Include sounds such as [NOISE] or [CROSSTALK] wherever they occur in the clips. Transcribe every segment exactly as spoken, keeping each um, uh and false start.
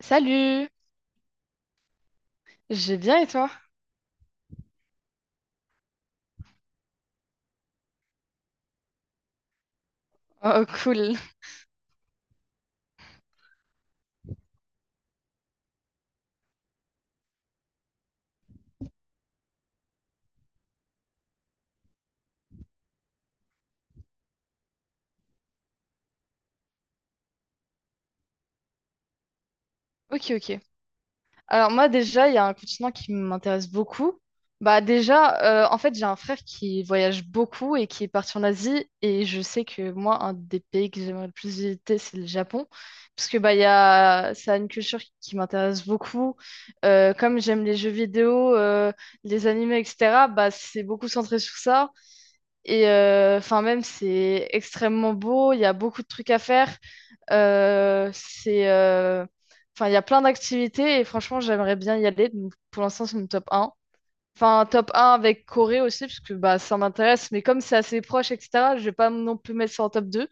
Salut! J'ai bien et toi? Oh, cool. [LAUGHS] Ok, ok. Alors moi déjà, il y a un continent qui m'intéresse beaucoup. Bah déjà, euh, en fait, j'ai un frère qui voyage beaucoup et qui est parti en Asie. Et je sais que moi, un des pays que j'aimerais le plus visiter, c'est le Japon. Parce que bah, il y a... ça a une culture qui m'intéresse beaucoup. Euh, comme j'aime les jeux vidéo, euh, les animés, et cetera, bah, c'est beaucoup centré sur ça. Et euh, enfin, même, c'est extrêmement beau, il y a beaucoup de trucs à faire. Euh, c'est, euh, enfin, il y a plein d'activités et franchement, j'aimerais bien y aller. Donc, pour l'instant, c'est mon top un. Enfin, top un avec Corée aussi, parce que bah, ça m'intéresse, mais comme c'est assez proche, et cetera, je vais pas non plus mettre ça en top deux.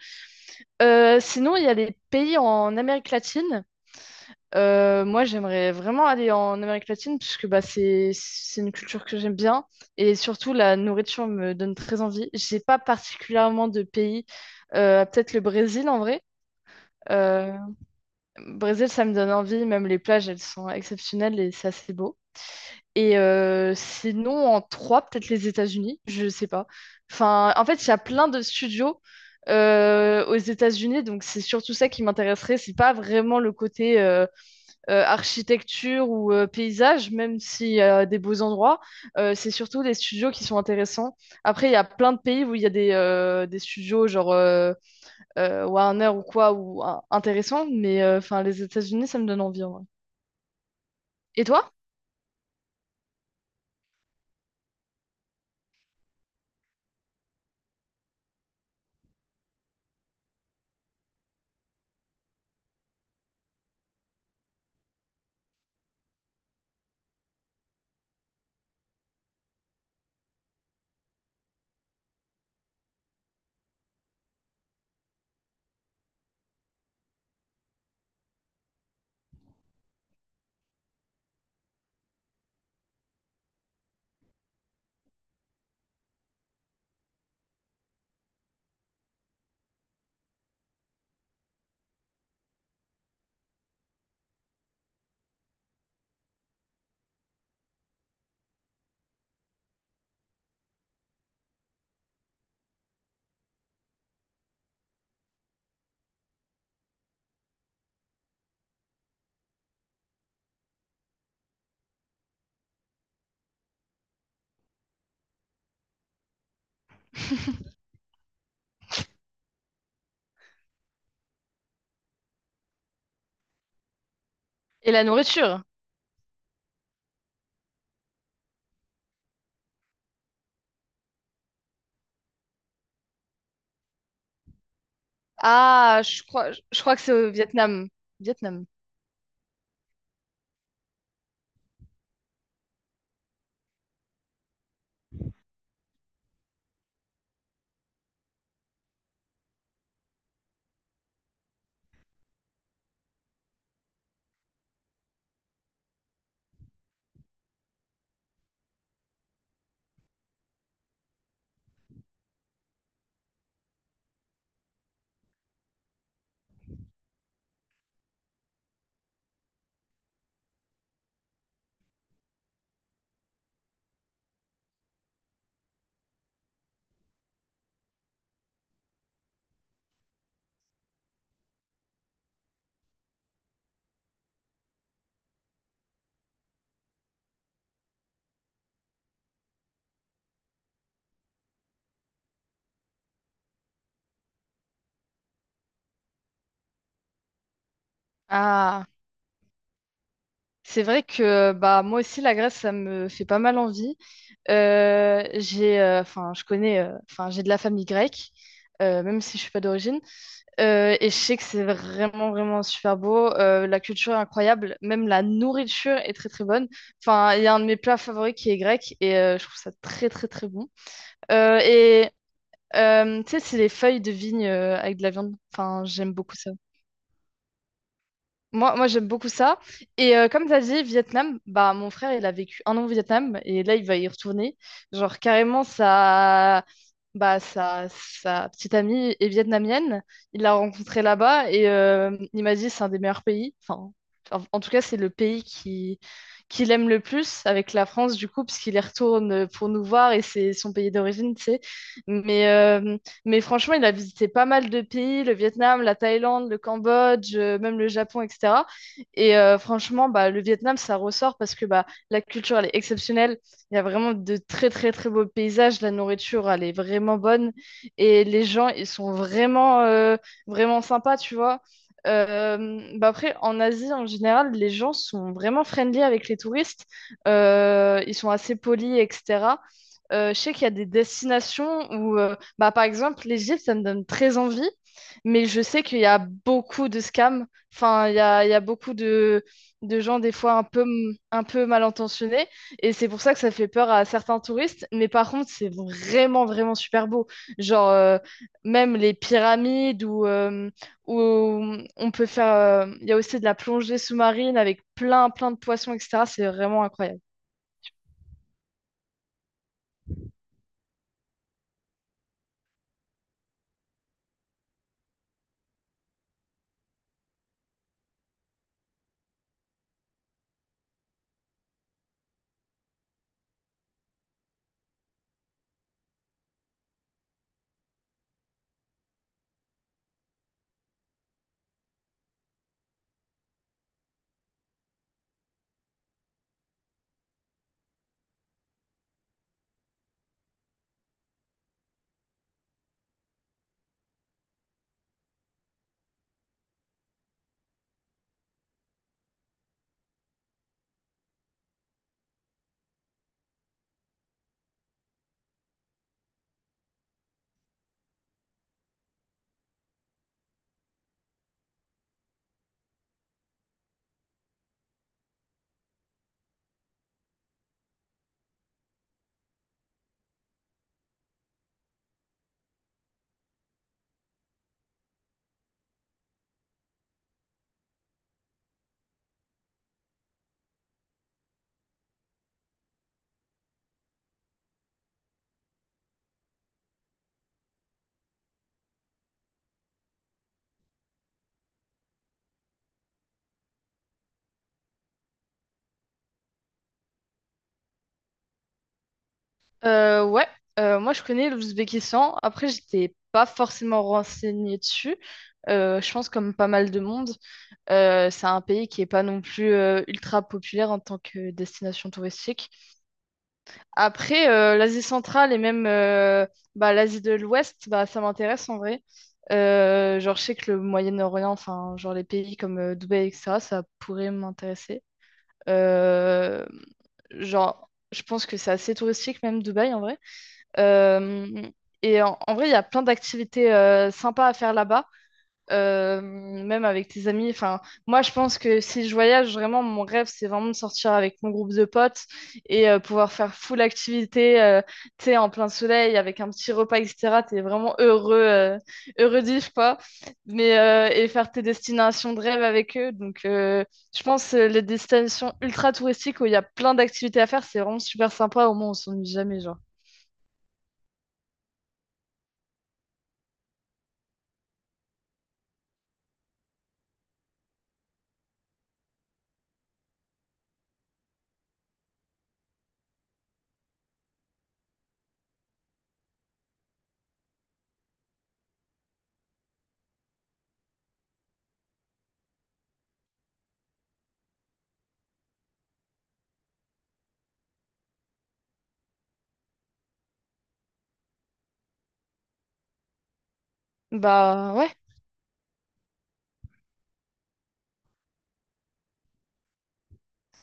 Euh, sinon, il y a les pays en Amérique latine. Euh, moi, j'aimerais vraiment aller en Amérique latine puisque bah, c'est c'est une culture que j'aime bien et surtout la nourriture me donne très envie. J'ai pas particulièrement de pays, euh, peut-être le Brésil en vrai. Euh, Brésil, ça me donne envie, même les plages, elles sont exceptionnelles et c'est assez beau. Et euh, sinon, en trois, peut-être les États-Unis, je sais pas. Enfin, en fait, il y a plein de studios euh, aux États-Unis, donc c'est surtout ça qui m'intéresserait. C'est pas vraiment le côté, euh, euh, architecture ou euh, paysage, même s'il y a des beaux endroits, euh, c'est surtout les studios qui sont intéressants. Après, il y a plein de pays où il y a des, euh, des studios genre euh, euh, Warner ou quoi, ou euh, intéressants, mais euh, enfin les États-Unis, ça me donne envie, en vrai. Et toi? Et la nourriture? Ah, je crois, je crois que c'est au Vietnam. Vietnam. Ah, c'est vrai que bah moi aussi la Grèce, ça me fait pas mal envie. Euh, j'ai, euh, enfin, je connais, euh, enfin, j'ai de la famille grecque, euh, même si je suis pas d'origine. Euh, et je sais que c'est vraiment, vraiment super beau. Euh, la culture est incroyable. Même la nourriture est très, très bonne. Enfin, il y a un de mes plats favoris qui est grec et euh, je trouve ça très, très, très bon. Euh, et euh, tu sais, c'est les feuilles de vigne euh, avec de la viande. Enfin, j'aime beaucoup ça. Moi, moi j'aime beaucoup ça. Et euh, comme tu as dit, Vietnam, bah, mon frère, il a vécu un an au Vietnam et là, il va y retourner. Genre, carrément, sa, bah, sa, sa petite amie est vietnamienne. Il l'a rencontrée là-bas et euh, il m'a dit c'est un des meilleurs pays. Enfin, en, en tout cas, c'est le pays qui, qu'il aime le plus avec la France, du coup, parce qu'il y retourne pour nous voir et c'est son pays d'origine, tu sais. Mais euh, mais franchement, il a visité pas mal de pays, le Vietnam, la Thaïlande, le Cambodge, euh, même le Japon, et cetera. Et euh, franchement, bah, le Vietnam, ça ressort parce que bah, la culture, elle est exceptionnelle. Il y a vraiment de très, très, très beaux paysages. La nourriture, elle est vraiment bonne. Et les gens, ils sont vraiment, euh, vraiment sympas, tu vois. Euh, bah après, en Asie, en général, les gens sont vraiment friendly avec les touristes. Euh, ils sont assez polis, et cetera. Euh, je sais qu'il y a des destinations où euh, bah, par exemple, l'Égypte, ça me donne très envie, mais je sais qu'il y a beaucoup de scams. Enfin, il y a, il y a beaucoup de, de gens, des fois, un peu, m- un peu mal intentionnés. Et c'est pour ça que ça fait peur à certains touristes. Mais par contre, c'est vraiment, vraiment super beau. Genre, euh, même les pyramides où, euh, où on peut faire. Euh, il y a aussi de la plongée sous-marine avec plein, plein de poissons, et cetera. C'est vraiment incroyable. Euh, ouais, euh, moi je connais l'Ouzbékistan. Après, j'étais pas forcément renseignée dessus. Euh, je pense comme pas mal de monde, euh, c'est un pays qui est pas non plus euh, ultra populaire en tant que destination touristique. Après, euh, l'Asie centrale et même euh, bah, l'Asie de l'Ouest, bah, ça m'intéresse en vrai. Euh, genre, je sais que le Moyen-Orient, enfin, genre les pays comme euh, Dubaï, et cetera, ça pourrait m'intéresser. Euh, genre, je pense que c'est assez touristique même Dubaï en vrai. Euh, et en, en vrai, il y a plein d'activités euh, sympas à faire là-bas, euh, même avec tes amis. Enfin, moi, je pense que si je voyage, vraiment, mon rêve, c'est vraiment de sortir avec mon groupe de potes et euh, pouvoir faire full activité, euh, tu sais, en plein soleil, avec un petit repas, et cetera. T'es vraiment heureux, euh, heureux d'y, quoi. Mais, euh, et faire tes destinations de rêve avec eux. Donc, euh, je pense euh, les destinations ultra touristiques où il y a plein d'activités à faire, c'est vraiment super sympa. Au moins, on s'ennuie jamais, genre. Bah ouais.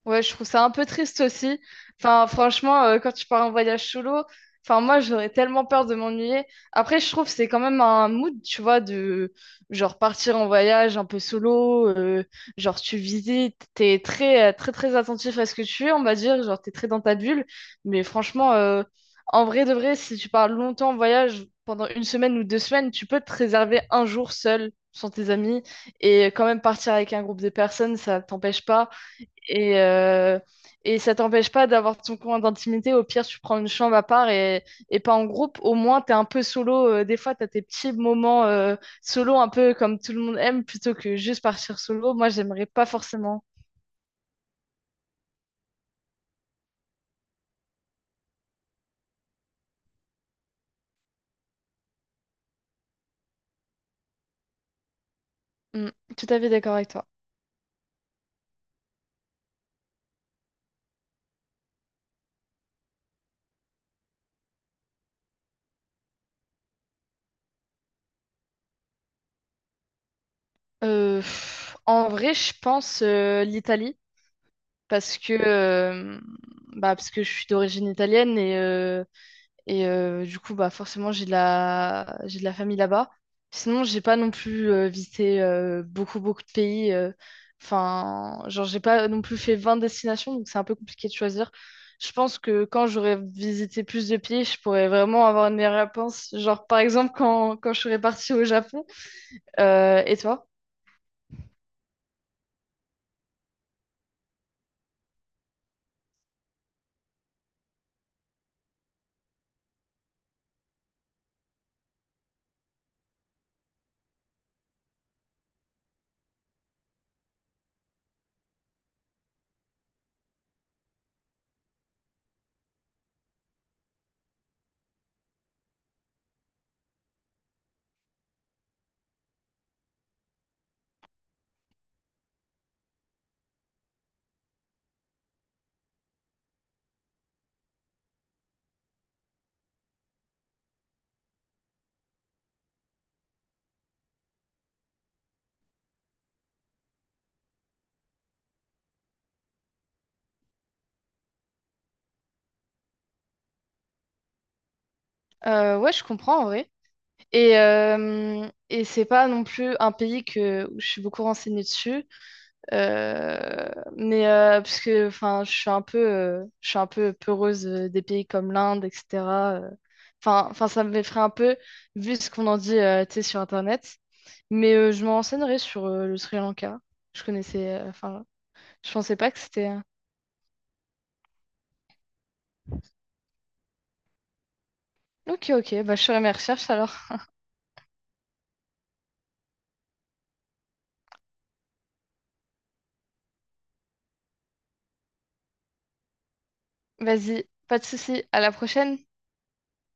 Ouais, je trouve ça un peu triste aussi. Enfin, franchement, euh, quand tu pars en voyage solo, enfin, moi, j'aurais tellement peur de m'ennuyer. Après, je trouve que c'est quand même un mood, tu vois, de genre partir en voyage un peu solo. Euh, genre, tu visites, t'es très, euh, très, très attentif à ce que tu es, on va dire. Genre, t'es très dans ta bulle. Mais franchement, euh, en vrai de vrai, si tu pars longtemps en voyage, pendant une semaine ou deux semaines, tu peux te réserver un jour seul, sans tes amis, et quand même partir avec un groupe de personnes, ça t'empêche pas. Et, euh, et ça t'empêche pas d'avoir ton coin d'intimité. Au pire, tu prends une chambre à part et, et pas en groupe. Au moins, t'es un peu solo. Euh, Des fois, t'as tes petits moments euh, solo, un peu comme tout le monde aime, plutôt que juste partir solo. Moi, j'aimerais pas forcément. Mm, tout à fait d'accord avec toi. Euh, pff, en vrai, je pense euh, l'Italie, parce que, euh, bah, parce que je suis d'origine italienne et, euh, Et euh, du coup, bah, forcément, j'ai de la... j'ai de la famille là-bas. Sinon, j'ai pas non plus euh, visité euh, beaucoup, beaucoup de pays. Euh. Enfin, genre, j'ai pas non plus fait vingt destinations, donc c'est un peu compliqué de choisir. Je pense que quand j'aurais visité plus de pays, je pourrais vraiment avoir une meilleure réponse. Genre, par exemple, quand, quand je serais partie au Japon. Euh, et toi? Euh, ouais, je comprends en vrai. Et, euh, et c'est pas non plus un pays que, où je suis beaucoup renseignée dessus. Euh, mais euh, parce que enfin, je suis un peu, euh, je suis un peu peureuse euh, des pays comme l'Inde, et cetera euh. Enfin, enfin, ça m'effraie un peu vu ce qu'on en dit, euh, tu sais, sur Internet. Mais euh, je me renseignerai sur euh, le Sri Lanka. Je connaissais, euh, enfin, je pensais pas que c'était. Euh, Ok, ok, bah je ferai mes recherches alors. Vas-y, pas de souci, à la prochaine.